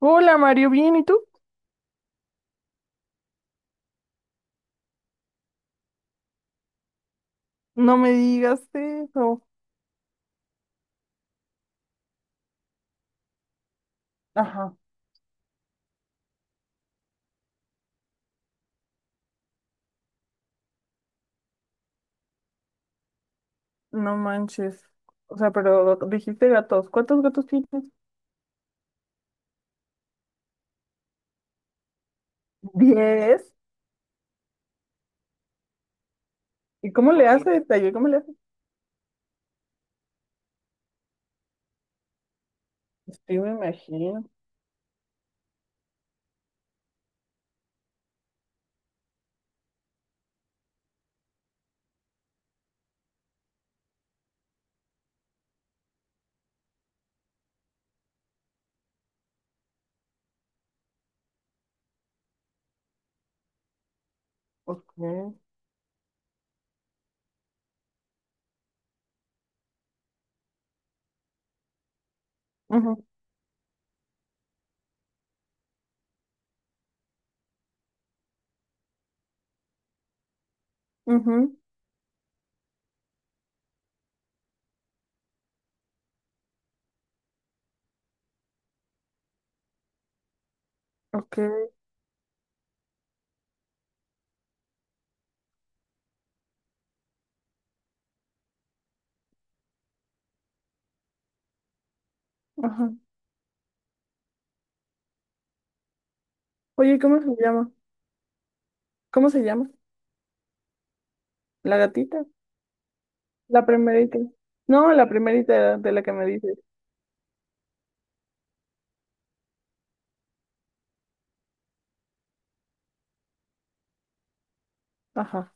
Hola Mario, ¿bien? ¿Y tú? No me digas eso. Ajá, no manches. O sea, pero dijiste gatos. ¿Cuántos gatos tienes? Diez. ¿Y cómo le haces? Ay, ¿cómo le haces? Sí, me imagino. Ok. Ujú, ujú, ok. Ajá. Oye, ¿cómo se llama? ¿Cómo se llama? ¿La gatita? La primerita. No, la primerita de la que me dices. Ajá.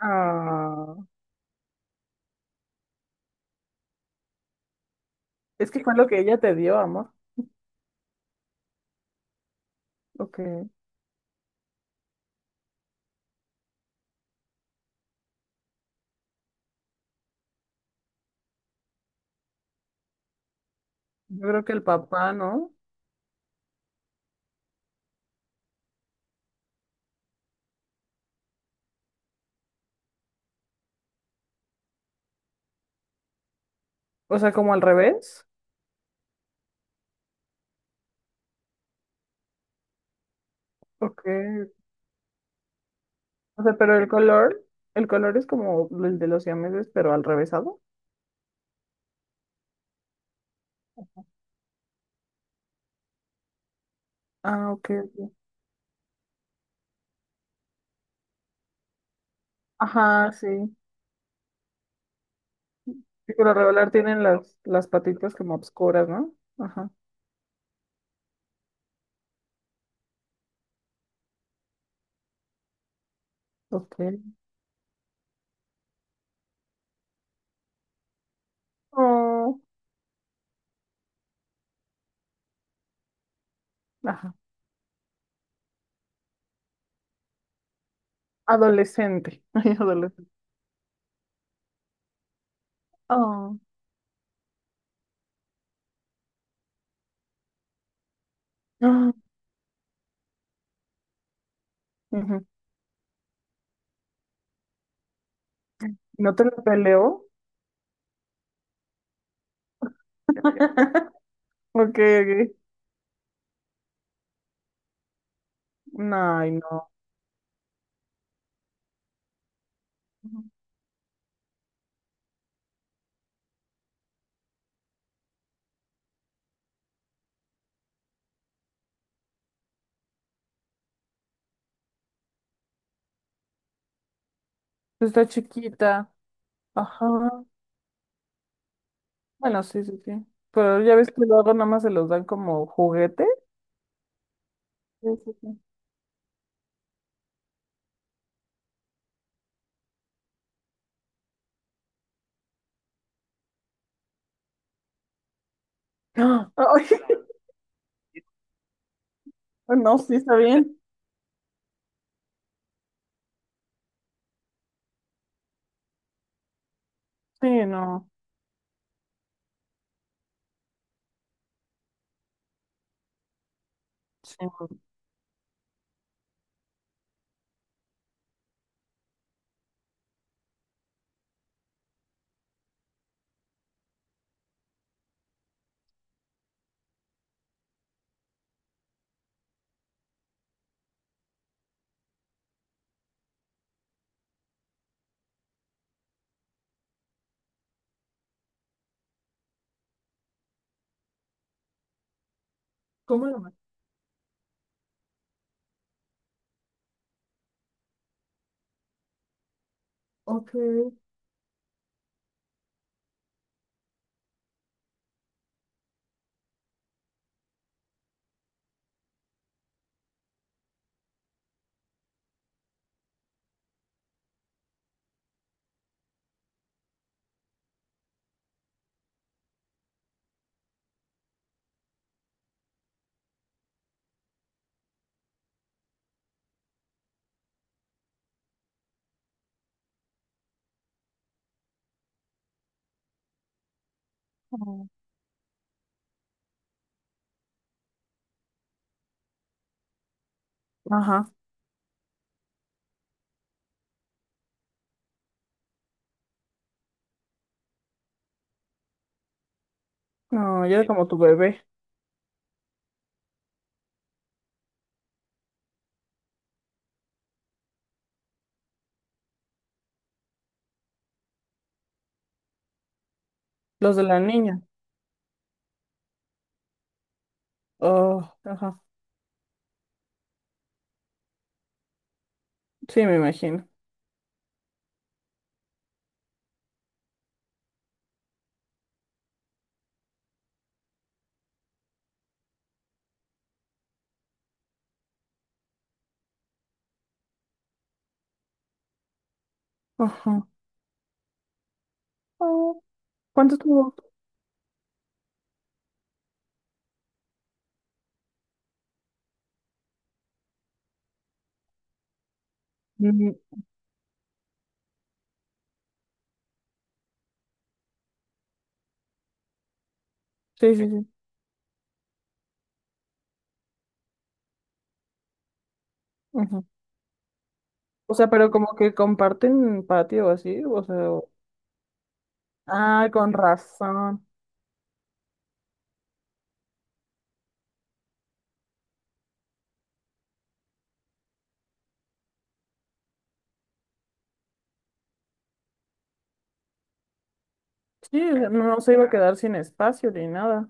Ah, es que fue lo que ella te dio, amor. Ok. Yo creo que el papá, ¿no? O sea, como al revés. Ok. O sea, pero el color es como el de los siameses, pero al revésado. Ah, ok, ok. Ajá, sí. Sí, por lo regular tienen las patitas como obscuras, ¿no? Ajá. Ok. Oh, ajá. Adolescente. Ay, adolescente. Oh. Ah, ujú. ¿No te lo peleo? Ok, ok. No, ay, no. Pues está chiquita. Ajá. Bueno, sí, sí, sí. Pero ya ves que luego nada más se los dan como juguete. Sí, sí, sí. ¡Ah! Ay, no, sí, está bien. Sí, no. Sí. ¿Cómo lo mato? Ok. No. Ajá. No, yo era como tu bebé. Los de la niña. Oh, ajá. Sí, me imagino. Ajá. Oh, ¿cuánto tuvo? Mm, sí, sí, sí. Ujú. O sea, pero como que comparten patio o así, o sea, o... Ah, con razón. Sí, o sea, no, no se iba a quedar sin espacio ni nada.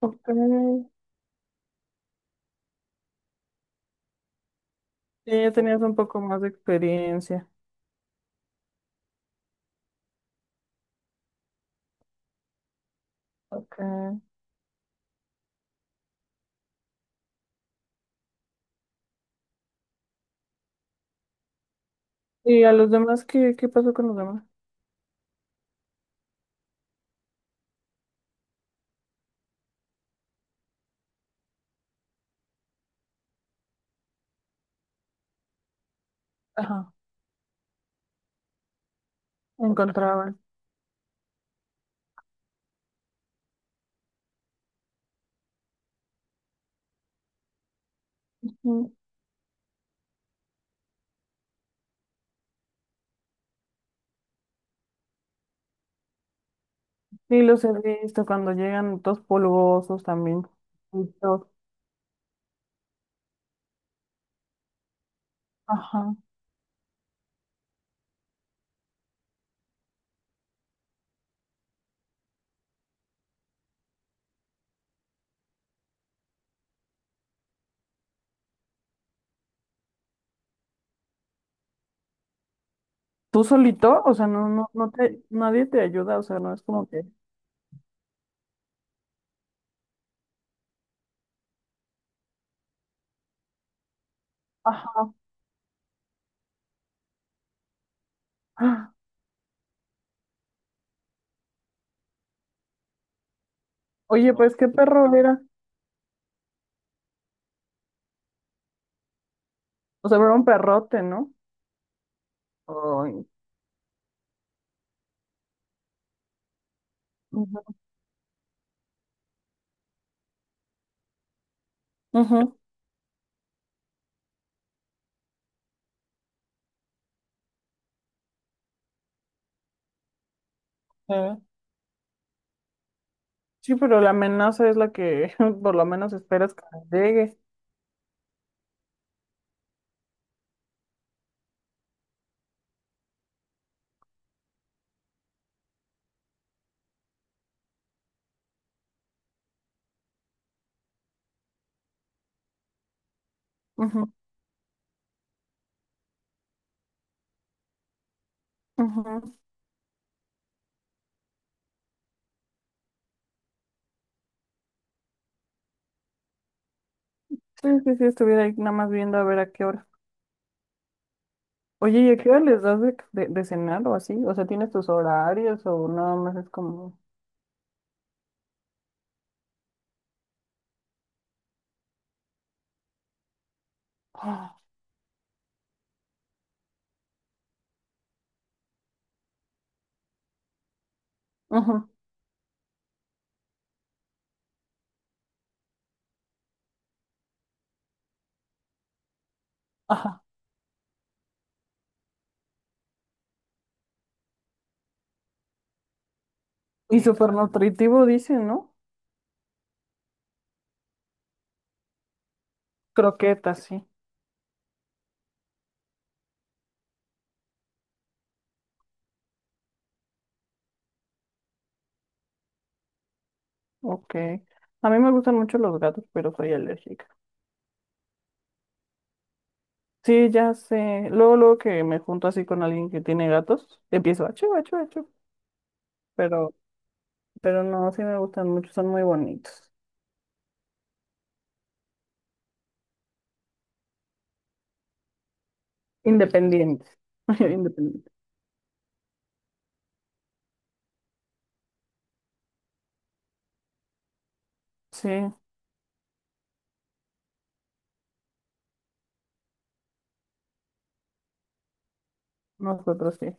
Ok. Sí, ya tenías un poco más de experiencia. Ok. ¿Y a los demás qué, qué pasó con los demás? Ajá, encontraban. Mm. Sí, los he visto cuando llegan todos polvosos también. Y todo. Ajá. ¿Tú solito? O sea, no, no, no te, nadie te ayuda, o sea, no es como que. Ajá. Ah, oye, pues qué perro era. O sea, era un perrote, ¿no? Ay. Ujú. Ujú, eh. Sí, pero la amenaza es la que por lo menos esperas que llegue. Ujú, ujú. Sí, sí, sí, estuviera ahí nada más viendo a ver a qué hora. Oye, ¿y a qué hora les das de cenar o así? O sea, ¿tienes tus horarios o nada más es como... ah, ujú, ajá. Y súper nutritivo dicen, ¿no? Croquetas, sí. Ok. A mí me gustan mucho los gatos, pero soy alérgica. Sí, ya sé. Luego, luego que me junto así con alguien que tiene gatos, empiezo a chu, achu, achu. Pero, pero no, sí me gustan mucho, son muy bonitos. Independientes. Independientes. Sí, nosotros sí.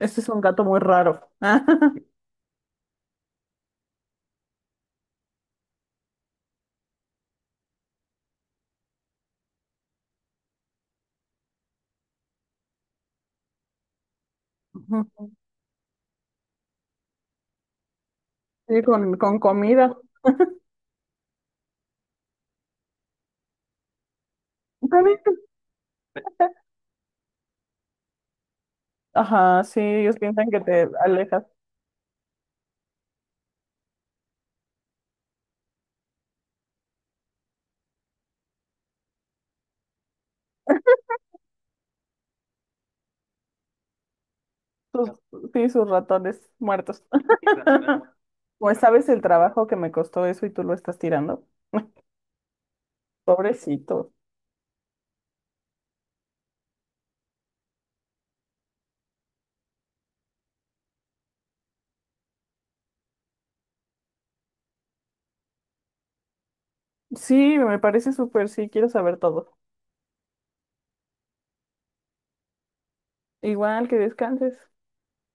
Este es un gato muy raro. Ujú. Sí, con comida. También, ajá, sí, ellos piensan que te alejas. Sus, sí, sus ratones muertos. Pues sabes el trabajo que me costó eso y tú lo estás tirando. Pobrecito. Sí, me parece súper, sí, quiero saber todo. Igual que descanses.